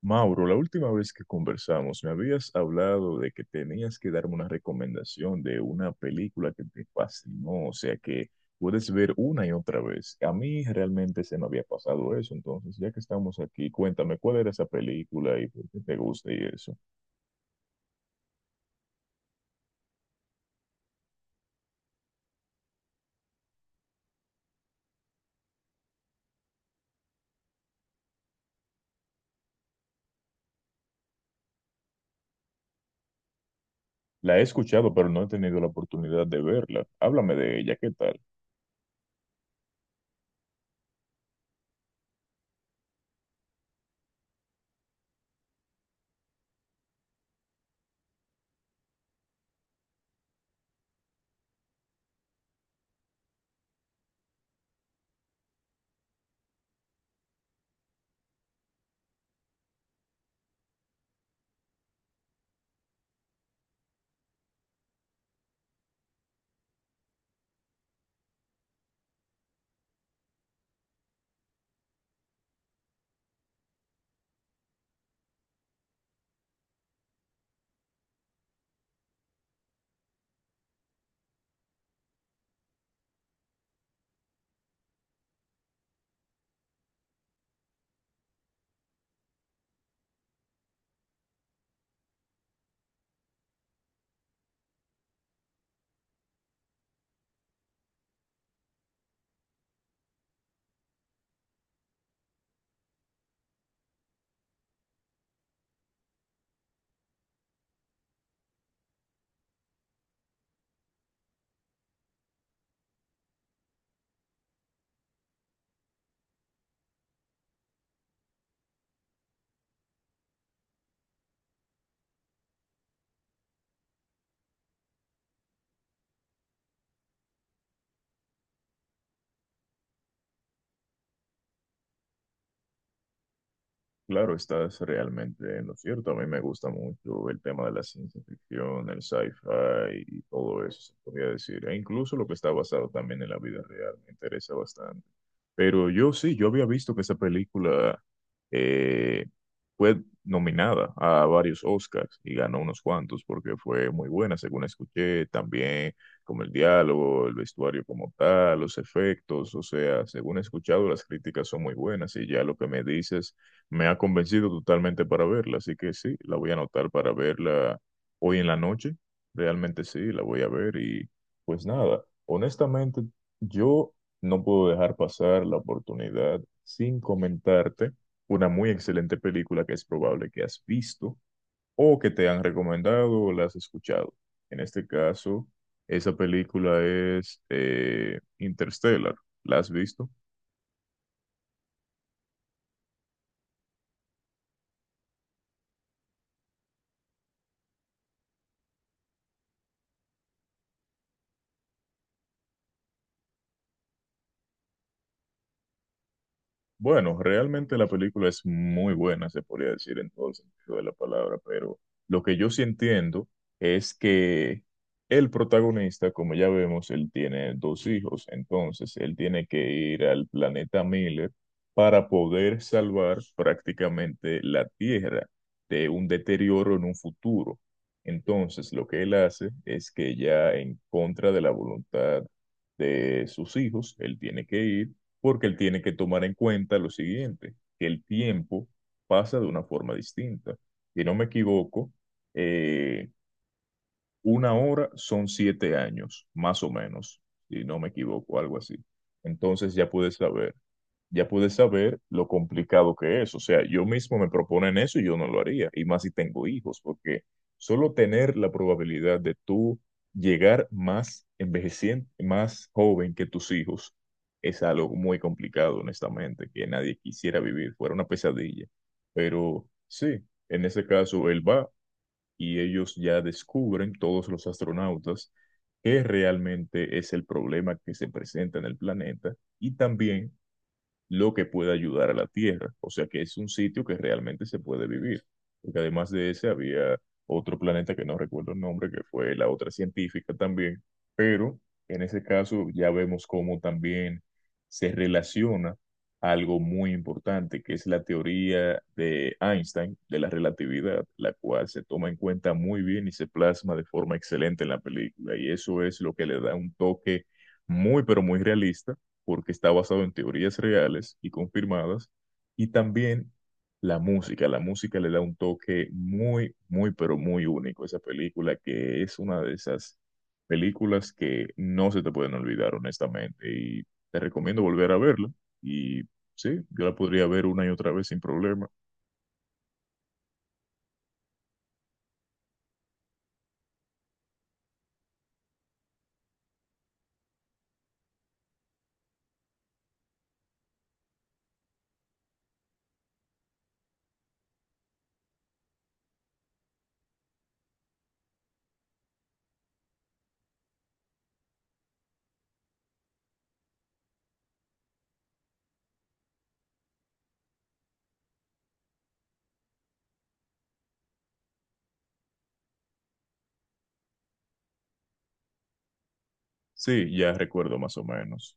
Mauro, la última vez que conversamos me habías hablado de que tenías que darme una recomendación de una película que te fascinó, o sea que puedes ver una y otra vez. A mí realmente se me había pasado eso, entonces ya que estamos aquí, cuéntame cuál era esa película y por qué te gusta y eso. La he escuchado, pero no he tenido la oportunidad de verla. Háblame de ella, ¿qué tal? Claro, estás realmente en lo cierto. A mí me gusta mucho el tema de la ciencia ficción, el sci-fi y todo eso, se podría decir. E incluso lo que está basado también en la vida real me interesa bastante. Pero yo sí, yo había visto que esa película eh, fue nominada a varios Oscars y ganó unos cuantos porque fue muy buena, según escuché, también como el diálogo, el vestuario como tal, los efectos, o sea, según he escuchado, las críticas son muy buenas y ya lo que me dices me ha convencido totalmente para verla, así que sí, la voy a anotar para verla hoy en la noche, realmente sí, la voy a ver y pues nada, honestamente yo... No puedo dejar pasar la oportunidad sin comentarte una muy excelente película que es probable que has visto o que te han recomendado o la has escuchado. En este caso, esa película es Interstellar. ¿La has visto? Bueno, realmente la película es muy buena, se podría decir en todo el sentido de la palabra, pero lo que yo sí entiendo es que el protagonista, como ya vemos, él tiene dos hijos, entonces él tiene que ir al planeta Miller para poder salvar prácticamente la Tierra de un deterioro en un futuro. Entonces, lo que él hace es que ya en contra de la voluntad de sus hijos, él tiene que ir porque él tiene que tomar en cuenta lo siguiente, que el tiempo pasa de una forma distinta. Si no me equivoco, eh, una hora son 7 años, más o menos, si no me equivoco, algo así. Entonces ya pude saber lo complicado que es. O sea, yo mismo me proponen eso y yo no lo haría. Y más si tengo hijos, porque solo tener la probabilidad de tú llegar más envejeciente, más joven que tus hijos, es algo muy complicado, honestamente, que nadie quisiera vivir, fuera una pesadilla. Pero sí, en ese caso él va y ellos ya descubren, todos los astronautas, qué realmente es el problema que se presenta en el planeta y también lo que puede ayudar a la tierra. O sea que es un sitio que realmente se puede vivir. Porque además de ese había otro planeta que no recuerdo el nombre, que fue la otra científica también. Pero en ese caso ya vemos cómo también se relaciona algo muy importante, que es la teoría de Einstein de la relatividad, la cual se toma en cuenta muy bien y se plasma de forma excelente en la película. Y eso es lo que le da un toque muy, pero muy realista porque está basado en teorías reales y confirmadas, y también la música. La música le da un toque muy, muy, pero muy único a esa película, que es una de esas películas que no se te pueden olvidar, honestamente, y te recomiendo volver a verla. Y sí, yo la podría ver una y otra vez sin problema. Sí, ya recuerdo más o menos.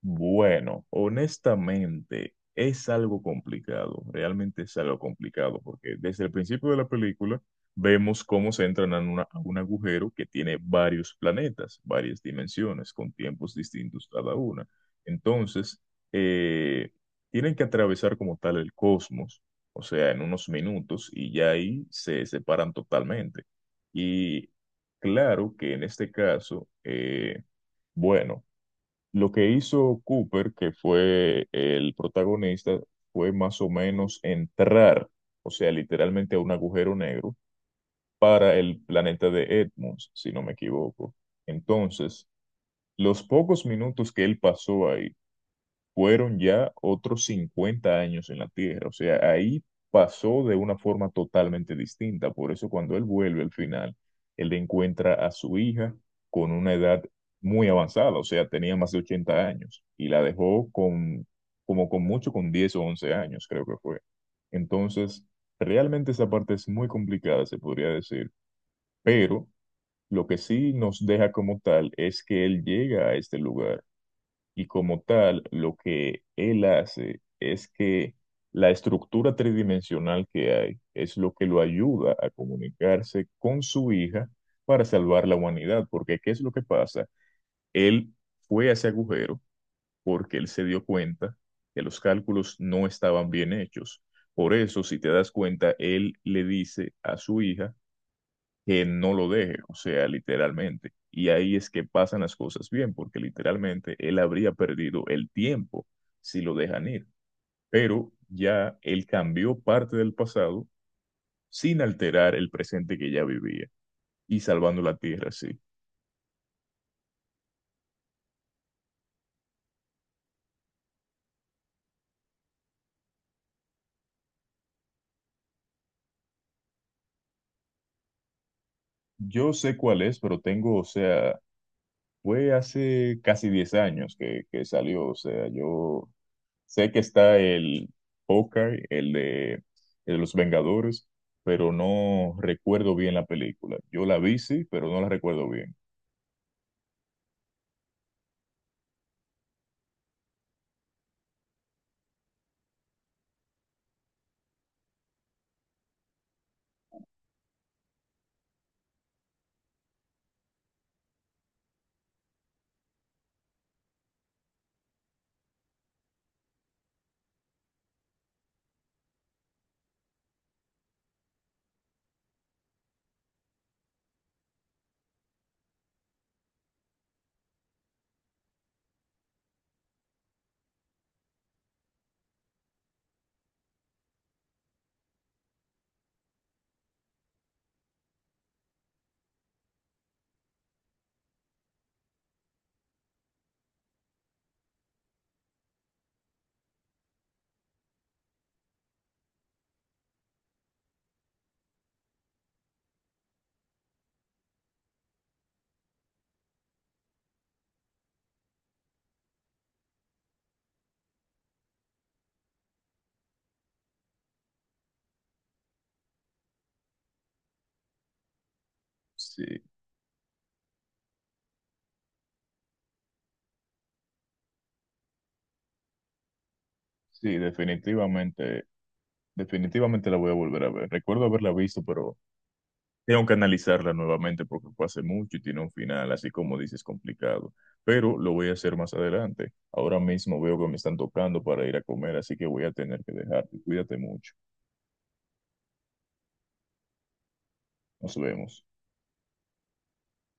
Bueno, honestamente es algo complicado, realmente es algo complicado, porque desde el principio de la película vemos cómo se entran a un agujero que tiene varios planetas, varias dimensiones, con tiempos distintos cada una. Entonces, eh, tienen que atravesar como tal el cosmos, o sea, en unos minutos, y ya ahí se separan totalmente. Y claro que en este caso, bueno. Lo que hizo Cooper, que fue el protagonista, fue más o menos entrar, o sea, literalmente a un agujero negro para el planeta de Edmonds, si no me equivoco. Entonces, los pocos minutos que él pasó ahí, fueron ya otros 50 años en la Tierra. O sea, ahí pasó de una forma totalmente distinta. Por eso cuando él vuelve al final, él encuentra a su hija con una edad muy avanzada, o sea, tenía más de 80 años y la dejó con, como con mucho, con 10 o 11 años, creo que fue. Entonces, realmente esa parte es muy complicada, se podría decir, pero lo que sí nos deja como tal es que él llega a este lugar y como tal, lo que él hace es que la estructura tridimensional que hay es lo que lo ayuda a comunicarse con su hija para salvar la humanidad. Porque, ¿qué es lo que pasa? Él fue a ese agujero porque él se dio cuenta que los cálculos no estaban bien hechos. Por eso, si te das cuenta, él le dice a su hija que no lo deje, o sea, literalmente. Y ahí es que pasan las cosas bien, porque literalmente él habría perdido el tiempo si lo dejan ir. Pero ya él cambió parte del pasado sin alterar el presente que ya vivía y salvando la tierra, sí. Yo sé cuál es, pero tengo, o sea, fue hace casi 10 años que salió, o sea, yo sé que está el Hawkeye, el de los Vengadores, pero no recuerdo bien la película. Yo la vi, sí, pero no la recuerdo bien. Sí, sí, definitivamente, definitivamente la voy a volver a ver. Recuerdo haberla visto, pero tengo que analizarla nuevamente porque fue hace mucho y tiene un final, así como dices, complicado. Pero lo voy a hacer más adelante. Ahora mismo veo que me están tocando para ir a comer, así que voy a tener que dejarte. Cuídate mucho. Nos vemos.